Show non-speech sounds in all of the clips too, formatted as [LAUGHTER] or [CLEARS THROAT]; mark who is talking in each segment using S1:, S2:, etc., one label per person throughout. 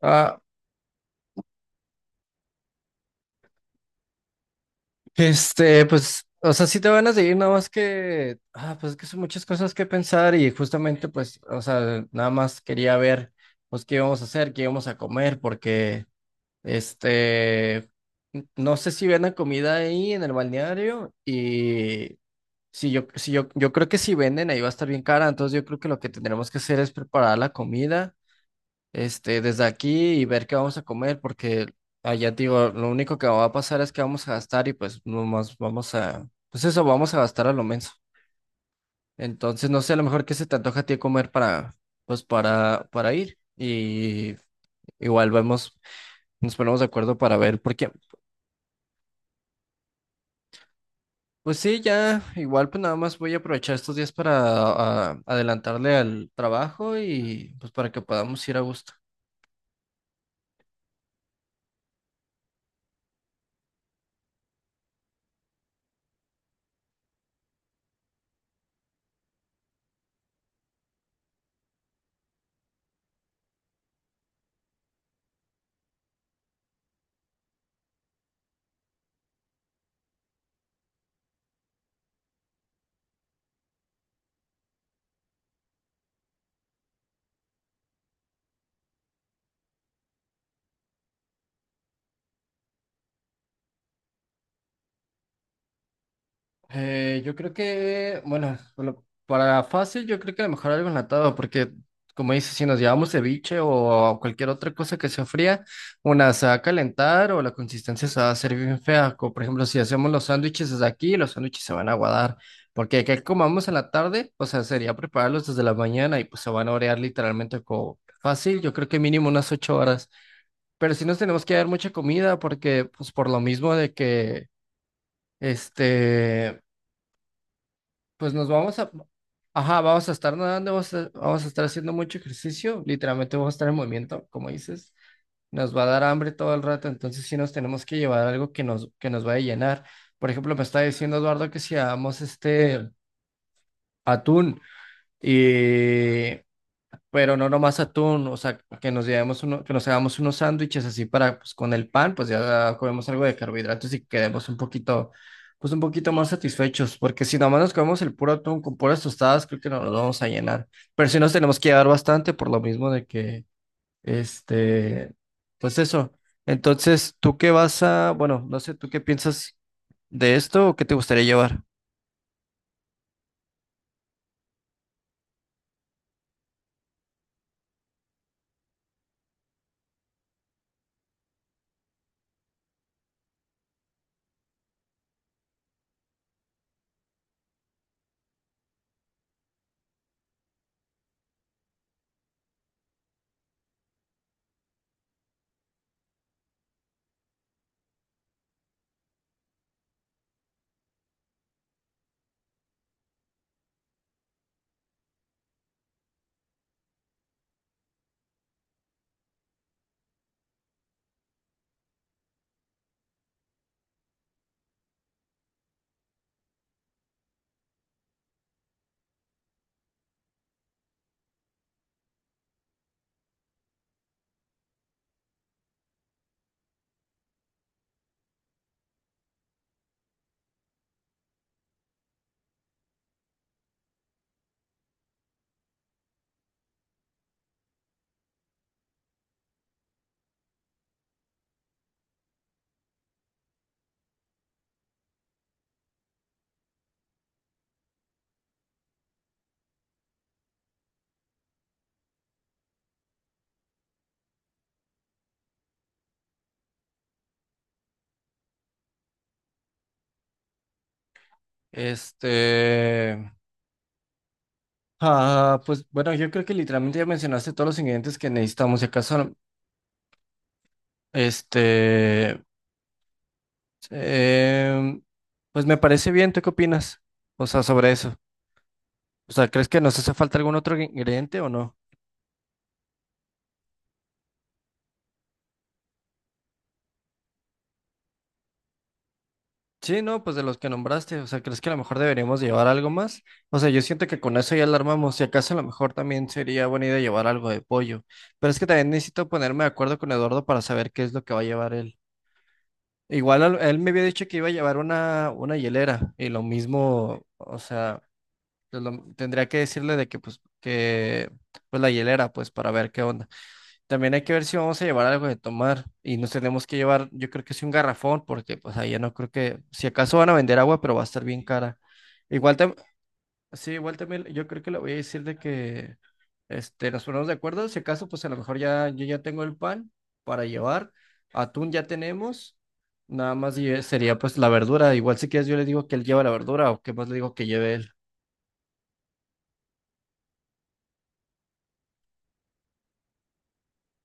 S1: Ah, o sea, sí te van a seguir, nada más que, pues es que son muchas cosas que pensar y justamente, pues, o sea, nada más quería ver, pues, qué íbamos a hacer, qué íbamos a comer, porque, este, no sé si venden comida ahí en el balneario y si yo, si yo, yo creo que si venden ahí va a estar bien cara, entonces yo creo que lo que tendremos que hacer es preparar la comida desde aquí y ver qué vamos a comer, porque allá te digo, lo único que va a pasar es que vamos a gastar y pues nomás vamos a gastar a lo menso. Entonces, no sé, a lo mejor qué se te antoja a ti comer para, pues para ir. Y igual vemos, nos ponemos de acuerdo para ver, porque, pues sí, ya, igual pues nada más voy a aprovechar estos días para adelantarle al trabajo y pues para que podamos ir a gusto. Yo creo que, bueno, para fácil, yo creo que a lo mejor algo enlatado, porque como dices, si nos llevamos ceviche o cualquier otra cosa que se fría, una se va a calentar o la consistencia se va a hacer bien fea. Como por ejemplo, si hacemos los sándwiches desde aquí, los sándwiches se van a aguadar, porque que comamos en la tarde, o sea, sería prepararlos desde la mañana y pues se van a orear literalmente como fácil, yo creo que mínimo unas 8 horas. Pero sí nos tenemos que dar mucha comida, porque pues por lo mismo de que, este... pues nos vamos a, ajá, vamos a estar nadando, vamos a estar haciendo mucho ejercicio, literalmente vamos a estar en movimiento, como dices, nos va a dar hambre todo el rato, entonces sí nos tenemos que llevar algo que nos vaya a llenar. Por ejemplo, me está diciendo Eduardo que si hagamos atún y pero no nomás atún, o sea, que nos llevemos uno, que nos hagamos unos sándwiches así para, pues con el pan, pues ya comemos algo de carbohidratos y quedemos pues un poquito más satisfechos, porque si nomás nos comemos el puro atún con puras tostadas, creo que no nos vamos a llenar, pero si nos tenemos que llevar bastante por lo mismo de que, este, pues eso. Entonces, ¿tú qué vas a, bueno, no sé, ¿tú qué piensas de esto o qué te gustaría llevar? Este, Ah, pues bueno, yo creo que literalmente ya mencionaste todos los ingredientes que necesitamos. Si acaso, este, em, pues me parece bien. ¿Tú qué opinas? O sea, sobre eso. O sea, ¿crees que nos hace falta algún otro ingrediente o no? Sí, no, pues de los que nombraste. O sea, ¿crees que a lo mejor deberíamos llevar algo más? O sea, yo siento que con eso ya alarmamos. Si acaso, a lo mejor también sería buena idea llevar algo de pollo. Pero es que también necesito ponerme de acuerdo con Eduardo para saber qué es lo que va a llevar él. Igual él me había dicho que iba a llevar una hielera y lo mismo, o sea, tendría que decirle de que pues la hielera pues para ver qué onda. También hay que ver si vamos a llevar algo de tomar y nos tenemos que llevar, yo creo que sí un garrafón porque pues ahí ya no creo que si acaso van a vender agua, pero va a estar bien cara. Igual tam- Sí, igual también yo creo que le voy a decir de que nos ponemos de acuerdo. Si acaso, pues a lo mejor ya yo ya tengo el pan para llevar. Atún ya tenemos. Nada más lle- sería pues la verdura. Igual si quieres yo le digo que él lleva la verdura o que más le digo que lleve él.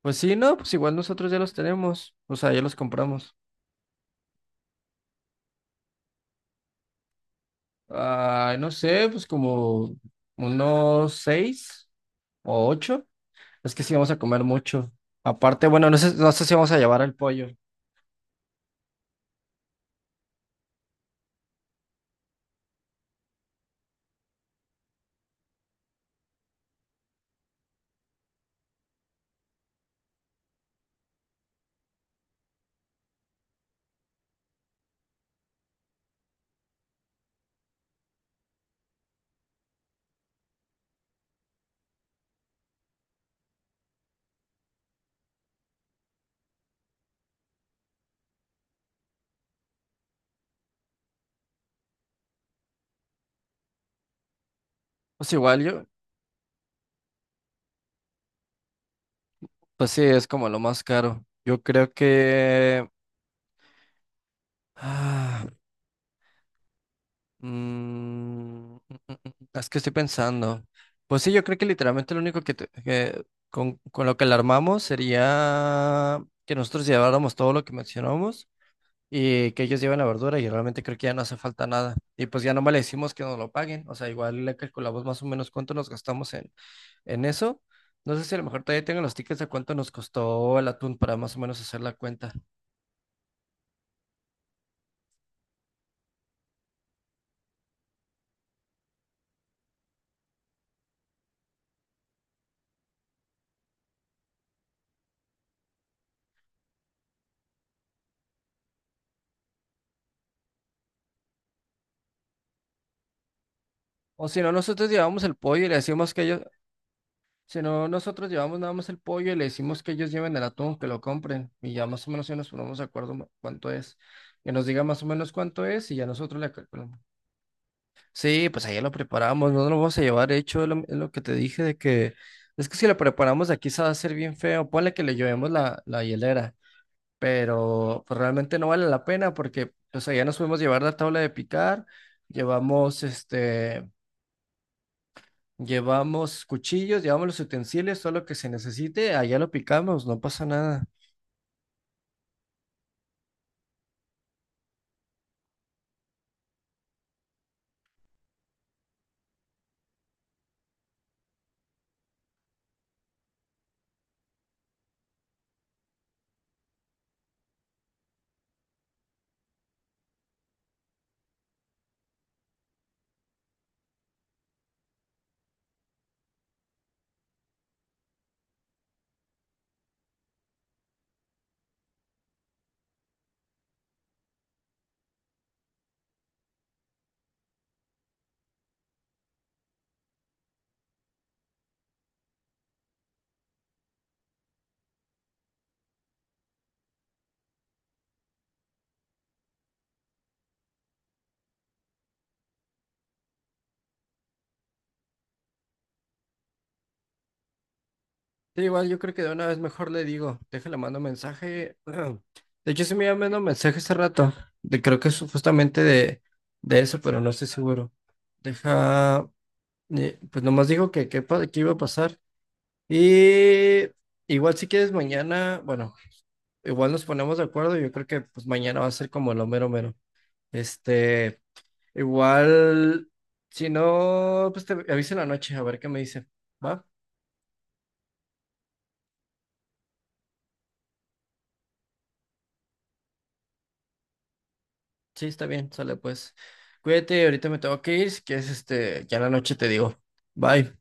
S1: Pues sí, no, pues igual nosotros ya los tenemos. O sea, ya los compramos. Ah, no sé, pues como unos 6 o 8. Es que sí vamos a comer mucho. Aparte, bueno, no sé, no sé si vamos a llevar el pollo. Pues igual yo. Pues sí, es como lo más caro. Yo creo que... ah, mm, mm, es que estoy pensando. Pues sí, yo creo que literalmente lo único que con lo que la armamos sería que nosotros lleváramos todo lo que mencionamos y que ellos lleven la verdura y realmente creo que ya no hace falta nada. Y pues ya nomás le decimos que nos lo paguen. O sea, igual le calculamos más o menos cuánto nos gastamos en eso. No sé si a lo mejor todavía tengo los tickets de cuánto nos costó el atún para más o menos hacer la cuenta. O si no, nosotros llevamos el pollo y le decimos que ellos, si no, nosotros llevamos nada más el pollo y le decimos que ellos lleven el atún, que lo compren y ya más o menos ya nos ponemos de acuerdo cuánto es. Que nos diga más o menos cuánto es y ya nosotros le calculamos. Sí, pues allá lo preparamos, no lo vamos a llevar hecho, es lo que te dije de que es que si lo preparamos aquí se va a hacer bien feo, ponle que le llevemos la hielera, pero pues, realmente no vale la pena porque pues allá nos podemos llevar la tabla de picar, llevamos llevamos cuchillos, llevamos los utensilios, todo lo que se necesite, allá lo picamos, no pasa nada. Sí, igual yo creo que de una vez mejor le digo, déjale, mando mensaje. [CLEARS THROAT] De hecho, sí me iba mandando mensaje hace rato, de, creo que es justamente de eso, pero no estoy seguro. Deja, pues nomás dijo que iba a pasar. Y igual si quieres mañana, bueno, igual nos ponemos de acuerdo, yo creo que pues mañana va a ser como lo mero mero. Este... Igual, si no, pues te aviso en la noche a ver qué me dice. ¿Va? Sí, está bien, sale pues. Cuídate, ahorita me tengo que ir, si quieres, este, ya en la noche te digo. Bye.